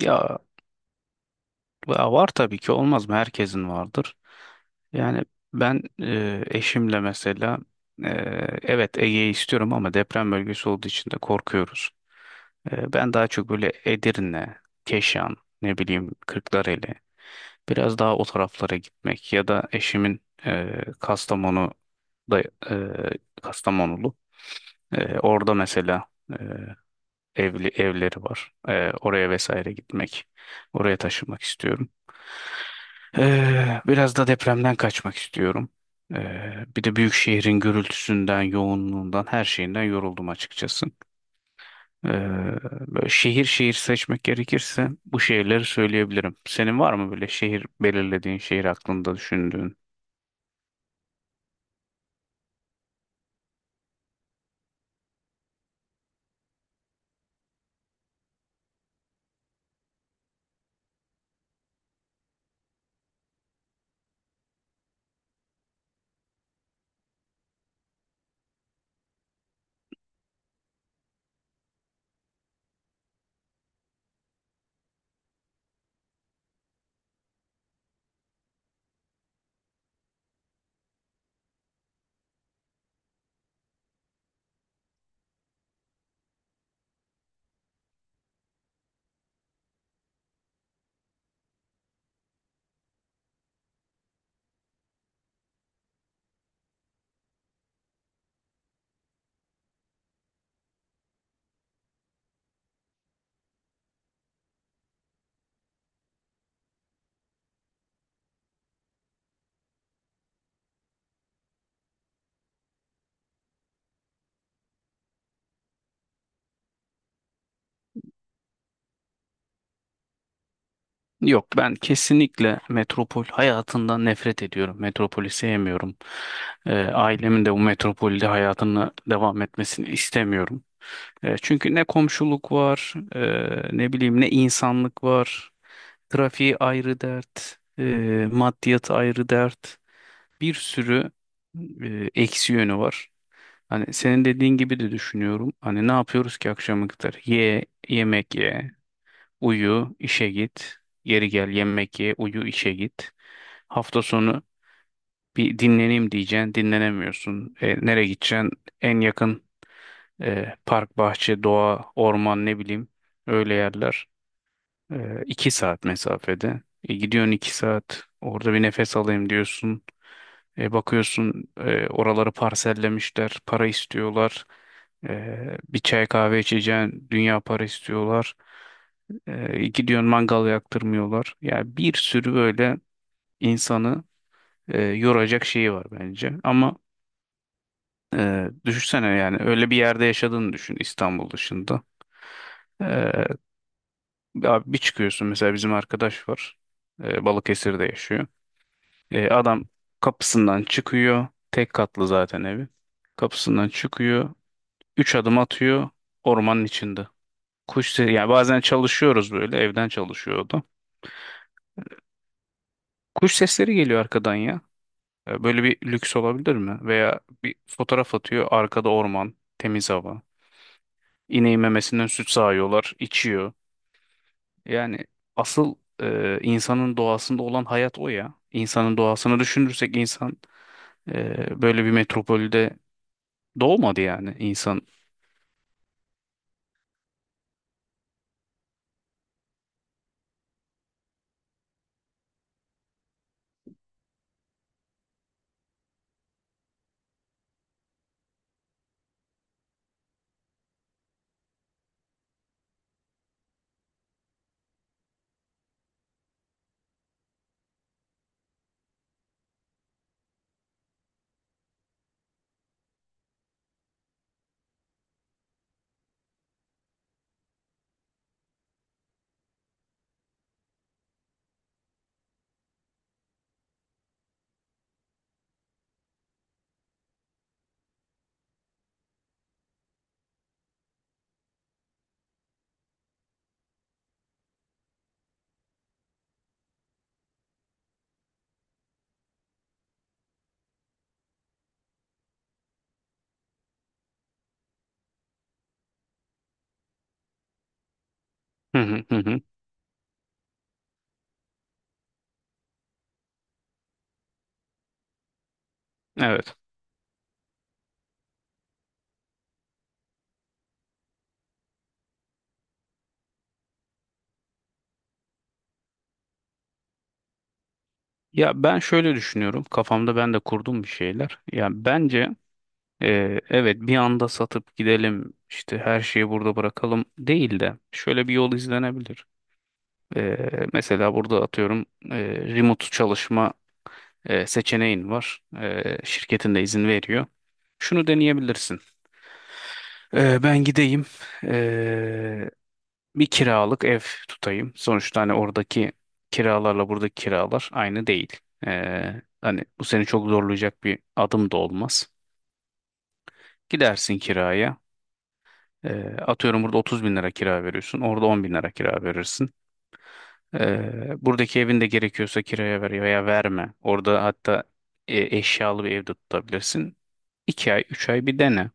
Ya, ya var tabii ki olmaz mı? Herkesin vardır. Yani ben eşimle mesela e, evet Ege'yi istiyorum ama deprem bölgesi olduğu için de korkuyoruz. Ben daha çok böyle Edirne, Keşan, ne bileyim Kırklareli biraz daha o taraflara gitmek ya da eşimin Kastamonu'da e, Kastamonulu. Orada mesela evli evleri var. Oraya vesaire gitmek, oraya taşınmak istiyorum. Biraz da depremden kaçmak istiyorum. Bir de büyük şehrin gürültüsünden, yoğunluğundan, her şeyinden yoruldum açıkçası. Ee, Böyle şehir şehir seçmek gerekirse bu şehirleri söyleyebilirim. Senin var mı böyle şehir belirlediğin, şehir aklında düşündüğün? Yok, ben kesinlikle metropol hayatından nefret ediyorum. Metropoli sevmiyorum. Ailemin de bu metropolde hayatını devam etmesini istemiyorum. Çünkü ne komşuluk var, ne bileyim ne insanlık var. Trafiği ayrı dert, maddiyat ayrı dert. Bir sürü eksi yönü var. Hani senin dediğin gibi de düşünüyorum. Hani ne yapıyoruz ki akşama kadar? Yemek ye, uyu, işe git. Geri gel, yemek ye, uyu, işe git. Hafta sonu bir dinleneyim diyeceksin, dinlenemiyorsun. Nereye gideceksin? En yakın park, bahçe, doğa, orman ne bileyim öyle yerler. İki saat mesafede. Gidiyorsun 2 saat orada bir nefes alayım diyorsun. Bakıyorsun oraları parsellemişler, para istiyorlar. Bir çay kahve içeceğin dünya para istiyorlar. Gidiyorsun mangal yaktırmıyorlar. Yani bir sürü böyle insanı yoracak şeyi var bence. Ama düşünsene yani öyle bir yerde yaşadığını düşün İstanbul dışında. Abi bir çıkıyorsun mesela bizim arkadaş var. Balıkesir'de yaşıyor. Adam kapısından çıkıyor. Tek katlı zaten evi. Kapısından çıkıyor. 3 adım atıyor. Ormanın içinde. Kuş sesi, yani bazen çalışıyoruz böyle. Evden çalışıyor o da. Kuş sesleri geliyor arkadan ya. Böyle bir lüks olabilir mi? Veya bir fotoğraf atıyor. Arkada orman. Temiz hava. İneğin memesinden süt sağıyorlar. İçiyor. Yani asıl insanın doğasında olan hayat o ya. İnsanın doğasını düşünürsek insan böyle bir metropolde doğmadı yani insan. Hı hı hı. Hı. Evet. Ya ben şöyle düşünüyorum. Kafamda ben de kurdum bir şeyler. Ya bence, evet, bir anda satıp gidelim işte her şeyi burada bırakalım değil de şöyle bir yol izlenebilir. Mesela burada atıyorum e, remote çalışma seçeneğin var. Şirketin de izin veriyor. Şunu deneyebilirsin. Ben gideyim ee, bir kiralık ev tutayım. Sonuçta hani oradaki kiralarla buradaki kiralar aynı değil. Hani bu seni çok zorlayacak bir adım da olmaz. Gidersin kiraya. Atıyorum burada 30 bin lira kira veriyorsun. Orada 10 bin lira kira verirsin. Buradaki evin de gerekiyorsa kiraya ver veya verme. Orada hatta eşyalı bir evde tutabilirsin. 2 ay 3 ay bir dene.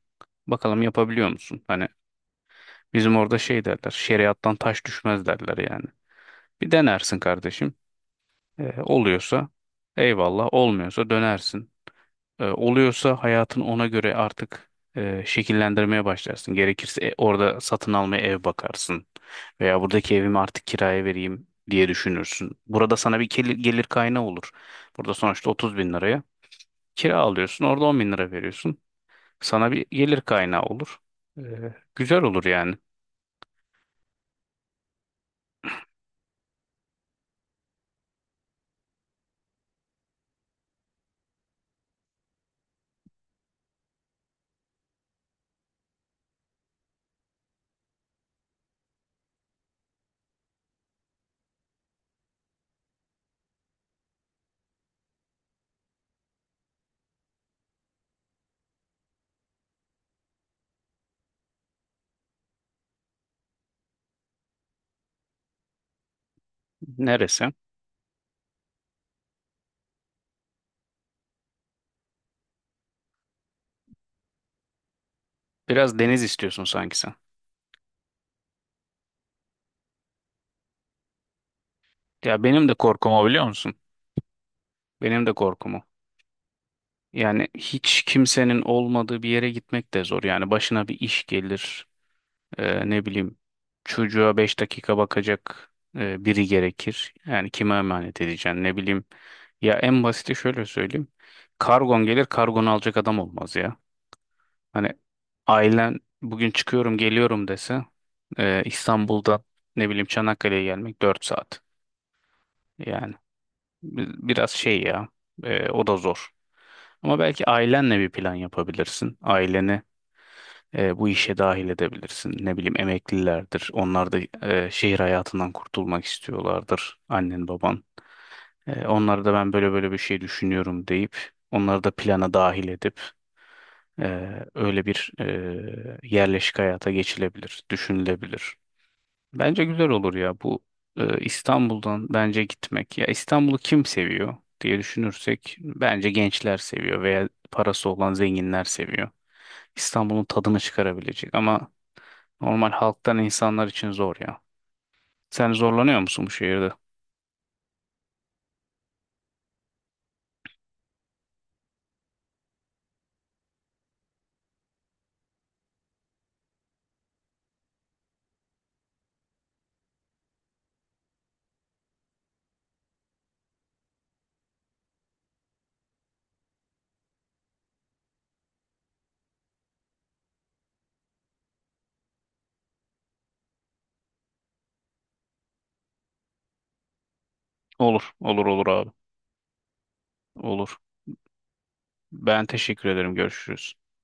Bakalım yapabiliyor musun? Hani bizim orada şey derler şeriattan taş düşmez derler yani. Bir denersin kardeşim. Oluyorsa eyvallah olmuyorsa dönersin. Oluyorsa hayatın ona göre artık şekillendirmeye başlarsın. Gerekirse orada satın almaya ev bakarsın veya buradaki evimi artık kiraya vereyim diye düşünürsün. Burada sana bir gelir, gelir kaynağı olur. Burada sonuçta 30 bin liraya kira alıyorsun, orada 10 bin lira veriyorsun. Sana bir gelir kaynağı olur. E, Güzel olur yani. Neresi? Biraz deniz istiyorsun sanki sen. Ya benim de korkum o, biliyor musun? Benim de korkum o. Yani hiç kimsenin olmadığı bir yere gitmek de zor. Yani başına bir iş gelir, ne bileyim çocuğa 5 dakika bakacak biri gerekir. Yani kime emanet edeceksin ne bileyim. Ya en basiti şöyle söyleyeyim. Kargon gelir, kargonu alacak adam olmaz ya. Hani ailen bugün çıkıyorum geliyorum dese, İstanbul'dan ne bileyim Çanakkale'ye gelmek 4 saat. Yani biraz şey ya, o da zor. Ama belki ailenle bir plan yapabilirsin. Aileni bu işe dahil edebilirsin. Ne bileyim emeklilerdir. Onlar da şehir hayatından kurtulmak istiyorlardır. Annen baban. Onlara da ben böyle böyle bir şey düşünüyorum deyip onları da plana dahil edip e, öyle bir yerleşik hayata geçilebilir, düşünülebilir. Bence güzel olur ya bu, İstanbul'dan bence gitmek. Ya İstanbul'u kim seviyor diye düşünürsek bence gençler seviyor veya parası olan zenginler seviyor. İstanbul'un tadını çıkarabilecek ama normal halktan insanlar için zor ya. Sen zorlanıyor musun bu şehirde? Olur, olur, olur abi. Olur. Ben teşekkür ederim. Görüşürüz.